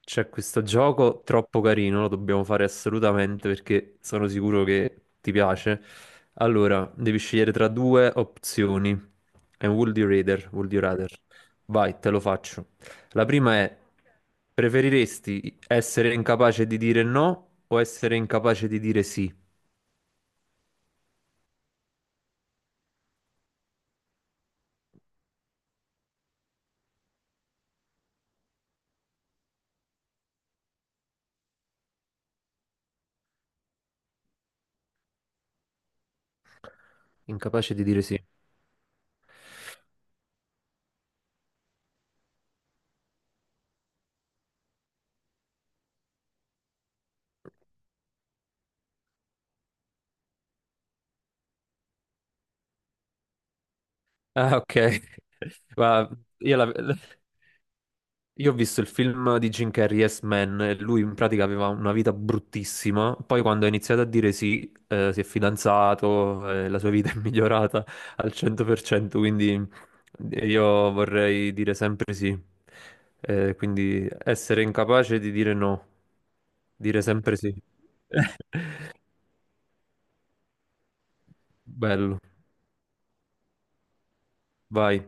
C'è questo gioco troppo carino, lo dobbiamo fare assolutamente perché sono sicuro che ti piace. Allora, devi scegliere tra due opzioni. È un Would You Rather, Would You Rather. Vai, te lo faccio. La prima è, preferiresti essere incapace di dire no o essere incapace di dire sì? Incapace di dire sì. Ah, ok. Ma io la... Io ho visto il film di Jim Carrey, Yes Man, e lui in pratica aveva una vita bruttissima, poi quando ha iniziato a dire sì, si è fidanzato, la sua vita è migliorata al 100%, quindi io vorrei dire sempre sì. Quindi essere incapace di dire no, dire sempre sì. Bello, vai.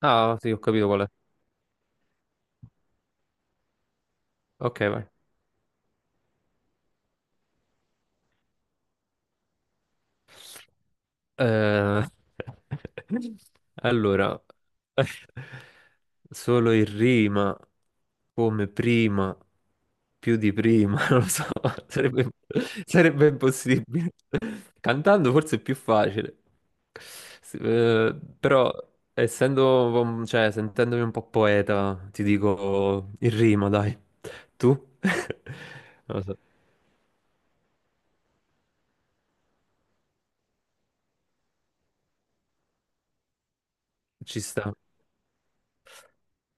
Ah, sì, ho capito qual è. Ok, vai. Eh, allora, solo in rima, come prima, più di prima, non lo so, sarebbe, sarebbe impossibile. Cantando forse è più facile, però cioè, sentendomi un po' poeta, ti dico in rima, dai. Tu? Non lo so, ci sta.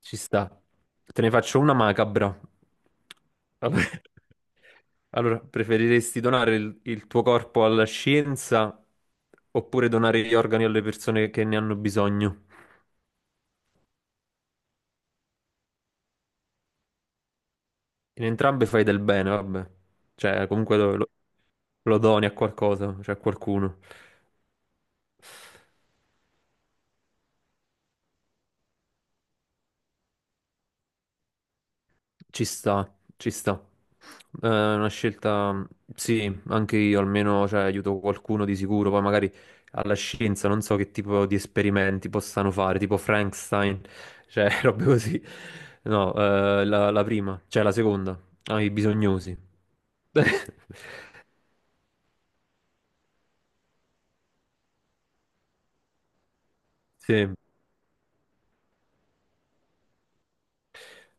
Ci sta. Te ne faccio una macabra. Vabbè. Allora, preferiresti donare il tuo corpo alla scienza oppure donare gli organi alle persone che ne hanno bisogno? In entrambe fai del bene, vabbè. Cioè, comunque lo, lo doni a qualcosa, cioè a qualcuno. Ci sta, ci sta. È una scelta, sì, anche io almeno, cioè, aiuto qualcuno di sicuro, poi magari alla scienza non so che tipo di esperimenti possano fare, tipo Frankenstein, cioè robe così. No, la prima, cioè la seconda, ai bisognosi. Sì,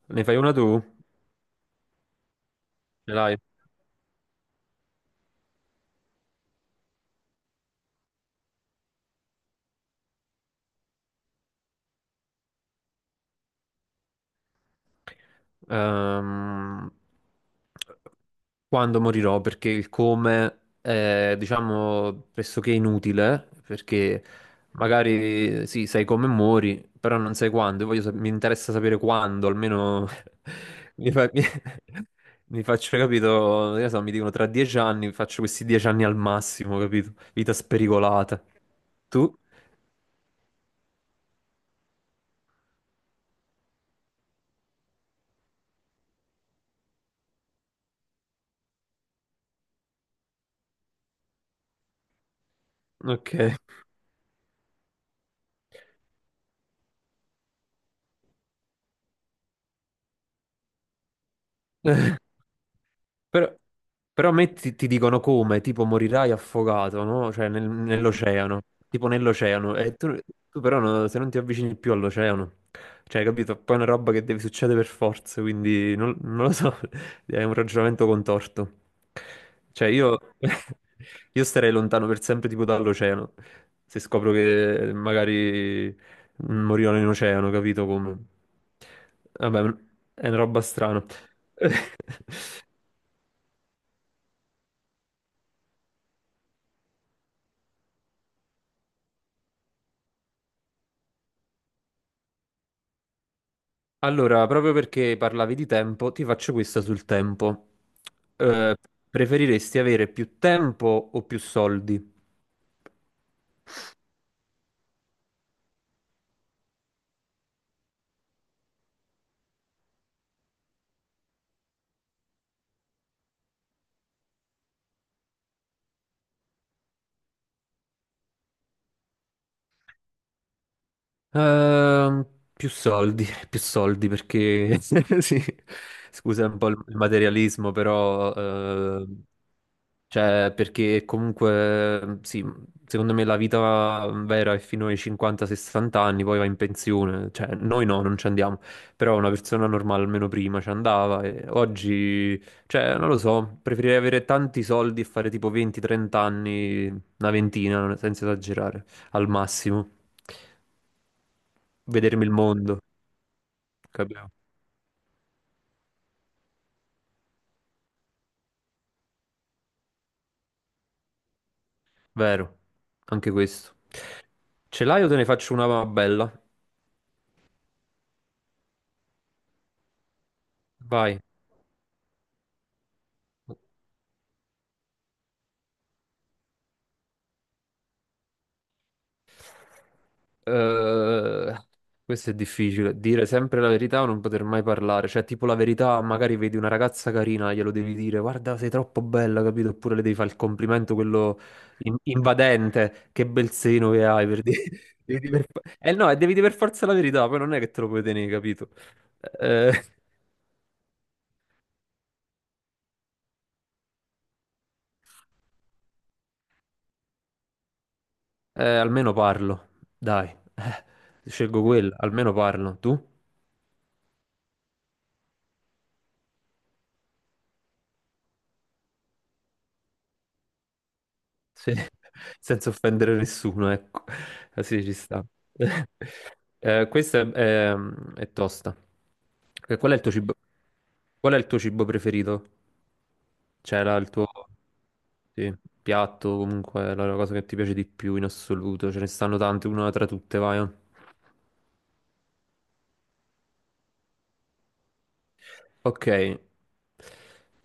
ne fai una tu? Ce l'hai? Ehm, quando morirò, perché il come è, diciamo, pressoché inutile, perché magari sì, sai come muori, però non sai quando. Io voglio sap- mi interessa sapere quando, almeno mi, fa- mi- mi faccio, capito, io so, mi dicono tra 10 anni, faccio questi 10 anni al massimo, capito? Vita spericolata. Tu? Ok. Però, però a me ti dicono come, tipo morirai affogato, no? Cioè nel- nell'oceano, tipo nell'oceano, e tu, tu però no- se non ti avvicini più all'oceano, cioè capito? Poi è una roba che deve succedere per forza, quindi non lo so, è un ragionamento contorto. Cioè io, io starei lontano per sempre tipo dall'oceano, se scopro che magari morirò in oceano, capito come? Vabbè, è una roba strana. Allora, proprio perché parlavi di tempo, ti faccio questa sul tempo. Eh, preferiresti avere più tempo o più soldi? Ehm, più soldi, più soldi perché sì, scusa un po' il materialismo, però cioè, perché comunque, sì, secondo me la vita vera è fino ai 50-60 anni, poi va in pensione. Cioè, noi no, non ci andiamo. Però una persona normale almeno prima ci andava e oggi, cioè, non lo so, preferirei avere tanti soldi e fare tipo 20-30 anni, una ventina, non- senza esagerare, al massimo. Vedermi il mondo, capito? Vero, anche questo. Ce l'hai o te ne faccio una bella? Vai. Eh, questo è difficile, dire sempre la verità o non poter mai parlare, cioè tipo la verità, magari vedi una ragazza carina, glielo devi dire, guarda sei troppo bella, capito? Oppure le devi fare il complimento, quello in- invadente, che bel seno che hai, per dire. Devi dire per- Eh no, e devi dire per forza la verità, poi non è che te lo puoi tenere, capito? Eh, almeno parlo, dai, scelgo quella, almeno parlo, tu? Sì, senza offendere nessuno, ecco. Ah, sì, ci sta. Eh, questa è, è- è tosta. Eh, Qual è il tuo cibo, qual è il tuo cibo preferito? Cioè, il tuo sì, piatto, comunque, la cosa che ti piace di più in assoluto. Ce ne stanno tante, una tra tutte, vai. Ok,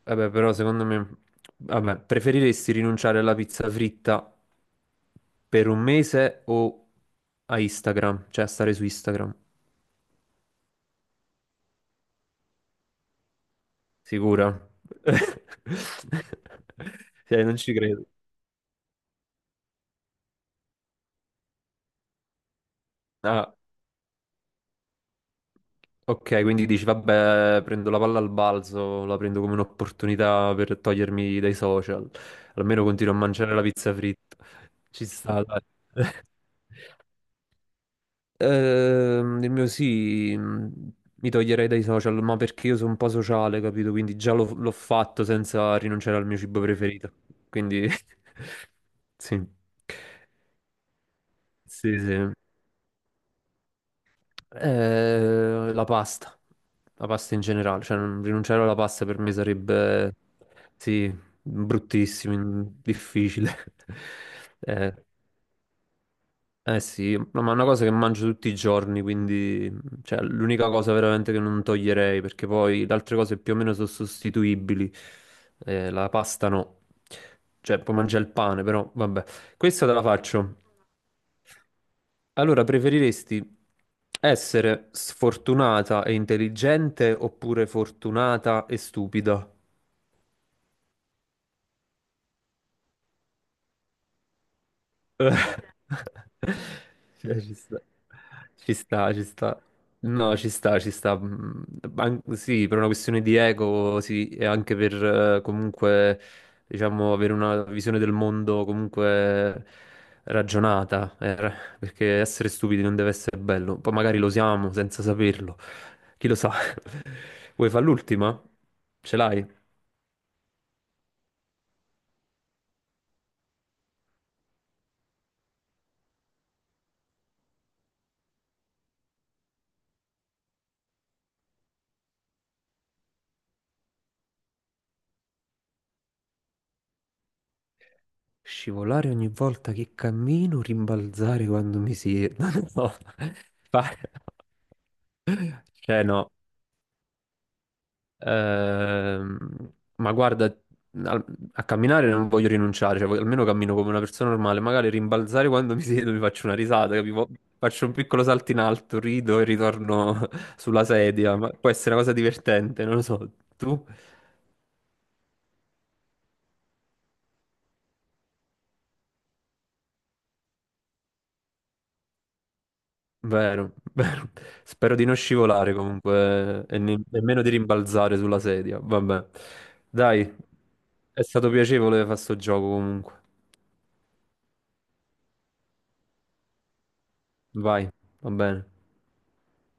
vabbè, però secondo me, vabbè, preferiresti rinunciare alla pizza fritta per un mese o a Instagram? Cioè a stare su Instagram? Sicura? Cioè, non ci credo. Ah, ok, quindi dici, vabbè, prendo la palla al balzo, la prendo come un'opportunità per togliermi dai social. Almeno continuo a mangiare la pizza fritta. Ci sta, dai. Il mio sì, mi toglierei dai social, ma perché io sono un po' sociale, capito? Quindi già l'ho fatto senza rinunciare al mio cibo preferito. Quindi sì, sì, sì. Eh, la pasta, la pasta in generale, cioè non rinunciare alla pasta per me sarebbe, sì, bruttissimo, in- difficile. Eh, Eh sì, no, ma è una cosa che mangio tutti i giorni, quindi cioè, l'unica cosa veramente che non toglierei, perché poi le altre cose più o meno sono sostituibili, la pasta no, cioè puoi mangiare il pane, però vabbè, questa te la faccio. Allora, preferiresti essere sfortunata e intelligente oppure fortunata e stupida? Cioè, ci sta, ci sta, ci sta. No, ci sta, ci sta. Mm, sì, per una questione di ego, sì, e anche per comunque, diciamo, avere una visione del mondo comunque ragionata, perché essere stupidi non deve essere bello. Poi magari lo siamo senza saperlo. Chi lo sa? Vuoi fare l'ultima? Ce l'hai? Scivolare ogni volta che cammino, rimbalzare quando mi siedo. No, fa- cioè no. Ehm, ma guarda, al- a camminare non voglio rinunciare, cioè, voglio- almeno cammino come una persona normale. Magari rimbalzare quando mi siedo mi faccio una risata, capivo? Faccio un piccolo salto in alto, rido e ritorno sulla sedia. Ma può essere una cosa divertente, non lo so. Tu? Vero, vero. Spero di non scivolare comunque e ne- nemmeno di rimbalzare sulla sedia. Vabbè. Dai, è stato piacevole fare sto gioco comunque. Vai, va bene.